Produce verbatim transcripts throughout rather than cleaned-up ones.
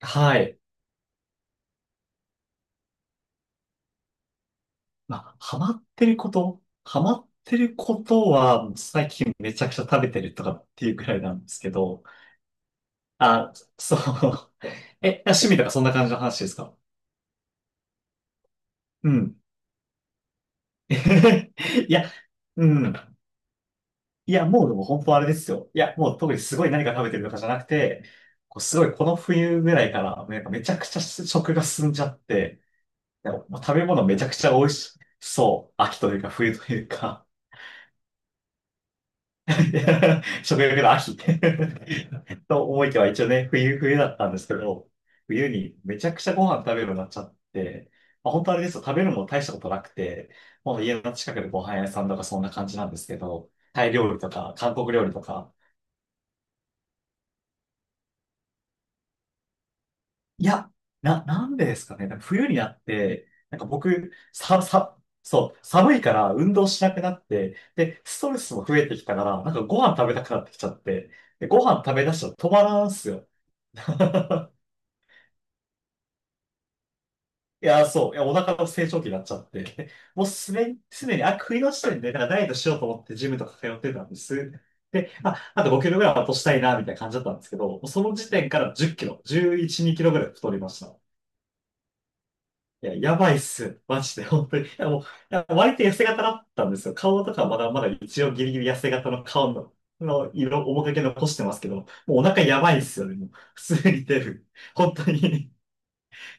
はい。まあ、ハマってること、ハマってることは、最近めちゃくちゃ食べてるとかっていうくらいなんですけど、あ、そう。え、趣味とかそんな感じの話ですか？うん。いや、うん。いや、もうでも本当あれですよ。いや、もう特にすごい何か食べてるとかじゃなくて、こうすごいこの冬ぐらいから、なんかめちゃくちゃ食が進んじゃって、なんかもう食べ物めちゃくちゃ美味しそう。秋というか冬というか。 食欲の秋。 と思いきや、一応ね、冬、冬だったんですけど、冬にめちゃくちゃご飯食べるようになっちゃって、まあ、本当あれですよ、食べるのも大したことなくて、もう家の近くでご飯屋さんとかそんな感じなんですけど、タイ料理とか、韓国料理とか。いや、な、なんでですかね、なんか冬になって、なんか僕、さ、さ、そう、寒いから運動しなくなって、で、ストレスも増えてきたから、なんかご飯食べたくなってきちゃって、で、ご飯食べ出したら止まらんすよ。いや、そう。いや、お腹の成長期になっちゃって。もうすでに、すでに、あ、食いの時点で、なんかダイエットしようと思ってジムとか通ってたんです。で、あ、あとごキロぐらいは落としたいな、みたいな感じだったんですけど、もうその時点からじゅっキロ、じゅういち、にキロぐらい太りました。いや、やばいっす。マジで、本当に。いや、もう、いや割と痩せ型だったんですよ。顔とかまだまだ一応ギリギリ痩せ型の顔の、の色、面影残してますけど、もうお腹やばいっすよね。もう、普通に出る。本当に、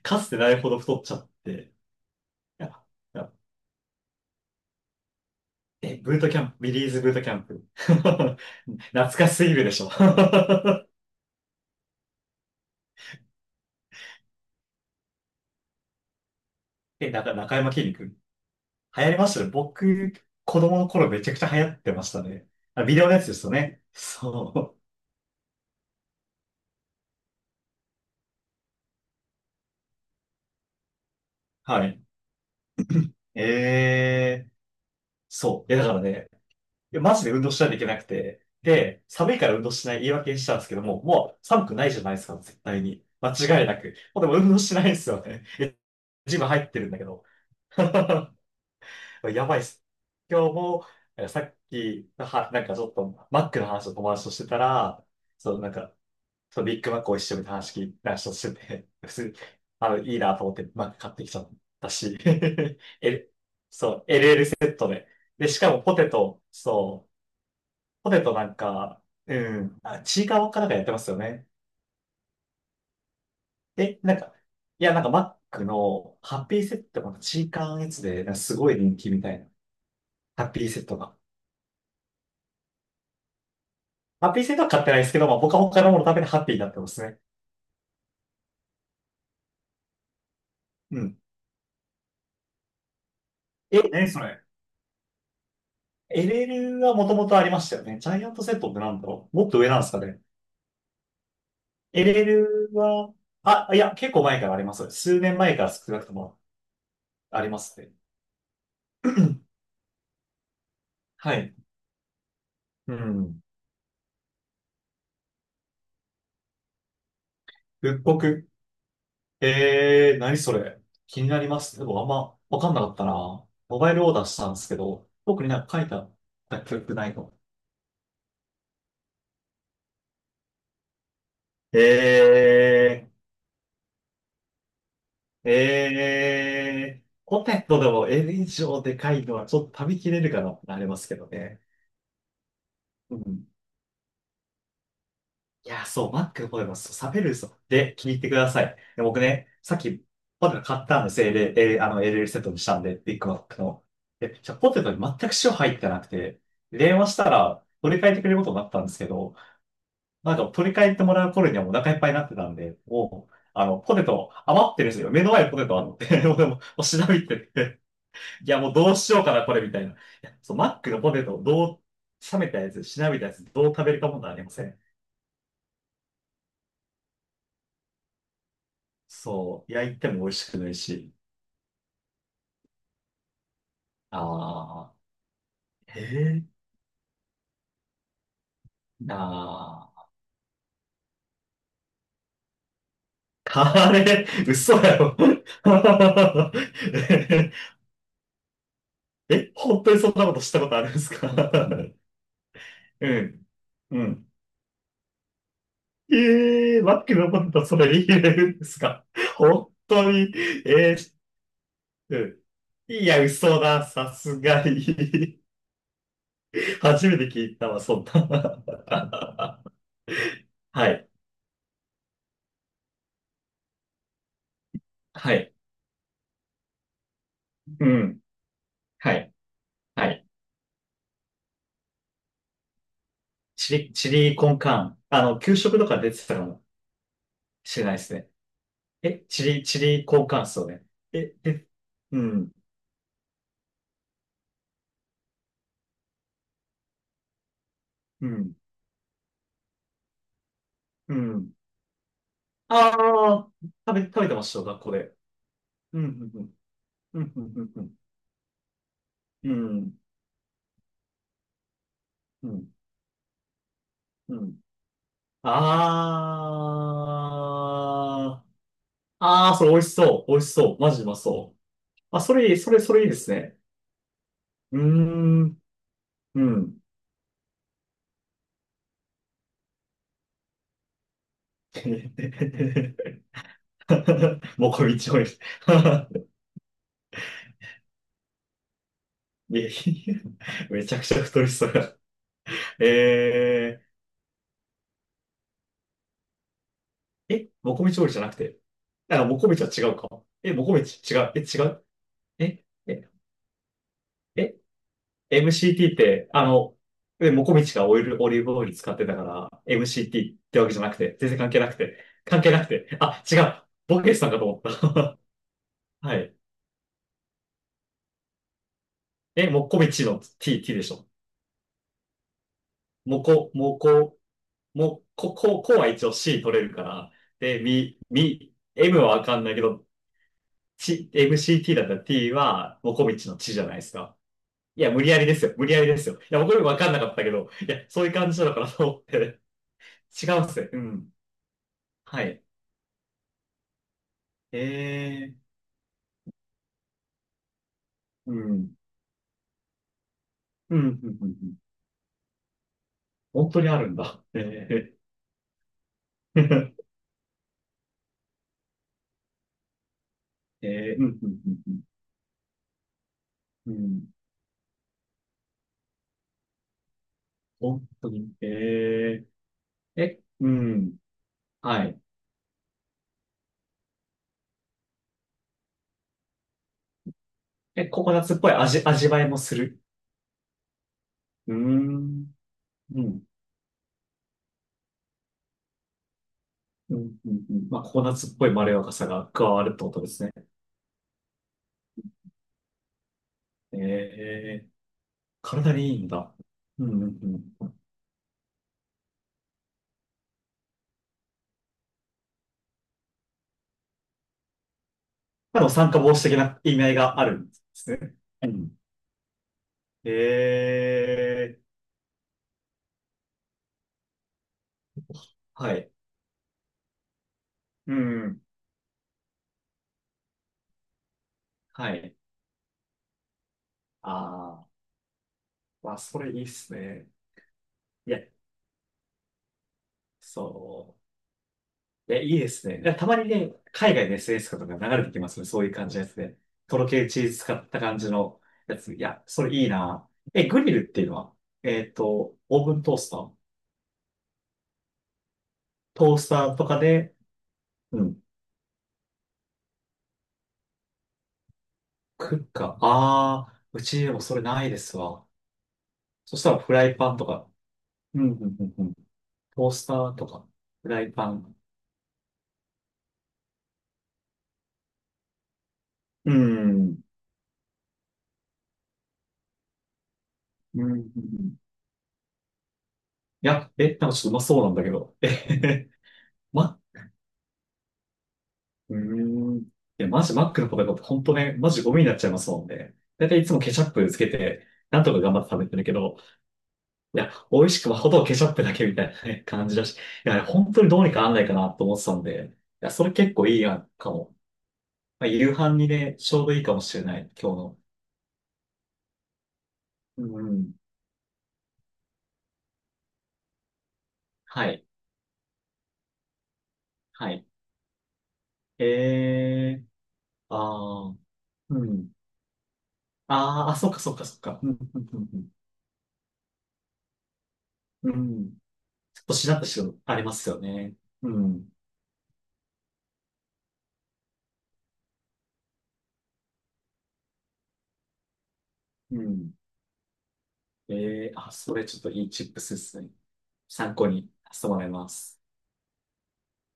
かつてないほど太っちゃって。いやいやえ、ブートキャンプ、ビリーズブートキャンプ。懐かしすぎるでしょ。え、なか、中山きんに君。流行りましたね。僕、子供の頃めちゃくちゃ流行ってましたね。あ、ビデオのやつですよね。そう。はい。えー、そう。いや、だからね、いやマジで運動しないといけなくて。で、寒いから運動しない言い訳にしたんですけども、もう寒くないじゃないですか、絶対に。間違いなく。もうでも運動しないんですよね。ジム入ってるんだけど。やばいっす。今日も、えさっき、は、なんかちょっと、マックの話を友達としてたら、そう、なんか、そう、ビッグマックを一緒に話聞いた人してて、普通に、あの、いいなと思って、マック買ってきちゃったし。え、そう、え、ね。で、しかもポテト、そう、ポテトなんか、うん、あ、チーカワかなんかやってますよね。え、なんか、いや、なんかマックのハッピーセットのチーカーのやつで、なんかすごい人気みたいな、ハッピーセットが。ハッピーセットは買ってないですけど、まあ僕は他のもののためにハッピーになってますね。うん。え、え、それ。エルエル はもともとありましたよね。ジャイアントセットってなんだろう、もっと上なんですかね。エルエル は、あ、いや、結構前からあります。数年前から少なくともありますね。はい。うん。復刻。えー、何それ。気になりますね。でもあんまわかんなかったな。モバイルオーダーしたんですけど、特になんか書いてあった記憶ないの。えー。えー、ポテトでも L 以上でかいのはちょっと食べきれるかなってなりますけどね。うん。いや、そう、マックのポテト、そう、冷めるんですよ。で、聞いてください。で僕ね、さっきポテト買ったんです。L、L、あの、l ルエルセットにしたんで、ビッグマックの。で、じゃあポテトに全く塩入ってなくて、電話したら取り替えてくれることになったんですけど、なんか取り替えてもらう頃にはもうお腹いっぱいになってたんで、もう、あの、ポテト余ってるんですよ。目の前にポテトあって、でもう調べてて、いや、もうどうしようかな、これみたいな。いや、そう、マックのポテトどう、冷めたやつ、しなびたやつ、どう食べるかもなりません。そう、焼いても美味しくないし。ああ、ええー、なあ。カレー、嘘やろ。え、本当にそんなことしたことあるんですか？ うん、うん。ええー、マックのポテト、それ入れるんですか？本当に、ええー、うん、いや、嘘だ、さすがに。初めて聞いたわ、そんな。はい。はい。うん。はい。はい。チリ、チリコンカーン。あの、給食とか出てたかもしれないですね。え、チリ、チリコンカーンっすよね。え、え、うん。うん。うん。ああ、食べ、食べてましたよ、学校で。うん。うん。うん。うん。うん。うん。うん。ああ。ああ、それ美味しそう。美味しそう。マジうまそう。あ、それいい、それ、それいいですね。うーん。うん。もうこみちお。 い、いやめちゃくちゃ太りそうや。えー、え、もこみちおりじゃなくて。あ、もこみちは違うか。え、もこみち違う。え、違う。え、え、え、エムシーティー って、あの、え、もこみちがオイル、オリーブオイル使ってたから、エムシーティー ってわけじゃなくて、全然関係なくて、関係なくて。あ、違う。ボケさんかと思った。はい。え、もこみちの T、T でしょ。もこ、もこ、もう、こ、こう、こうは一応 C 取れるから。で、み、み、M はわかんないけど、ち、エムシーティー だったら T は、モコミチの地じゃないですか。いや、無理やりですよ。無理やりですよ。いや、僕もわかんなかったけど、いや、そういう感じなのかなと思って。違うんすね。うん。はい。えー、うん。うん、うん、うん、うん。本当にあるんだ。えー。えー、うん、うん、うん、うん。うん、本当に。えー、え、うん。はい。え、ココナッツっぽい味、味わいもする。うーん。うん。うん。うん。うん、まあ、ココナッツっぽいまろやかさが加わるってことですね。ええ、体にいいんだ。うん。うん。うん、まあの酸化防止的な意味合いがあるんですね。うん。ええ、はい。うん。はい。ああ、まあ、それいいっすね。いや、そう。え、いいですね。いやたまにね、海外の エスエヌエス とかが流れてきますね。そういう感じのやつで。とろけるチーズ使った感じのやつ。いや、それいいな。え、グリルっていうのは、えっと、オーブントースター、トースターとかで、うん、クッカー。ああ、うちでもそれないですわ。そしたらフライパンとか、うん、うん、うん、うん、トースターとか、フライパン。うん、うん、うん。うん、いや、え、なんかちょっとうまそうなんだけど。えへへ。全うーん。いや、マジマックのポテトって本当ね、マジゴミになっちゃいますもんね。だいたいいつもケチャップつけて、なんとか頑張って食べてるけど、いや、美味しくまほどケチャップだけみたいなね。感じだし、いや、本当にどうにかなんないかなと思ってたんで、いや、それ結構いいやんかも。まあ、夕飯にね、ちょうどいいかもしれない、今日の。うんうん。はい、はい。えー、あー、うん。あー、あ、そっかそっかそっか。うん、うん、うん。うん。うん、ちょっとしなってしろ、ありますよね。うん、うん。ええ、あ、それちょっといいチップスですね。参考にさせてもらいます。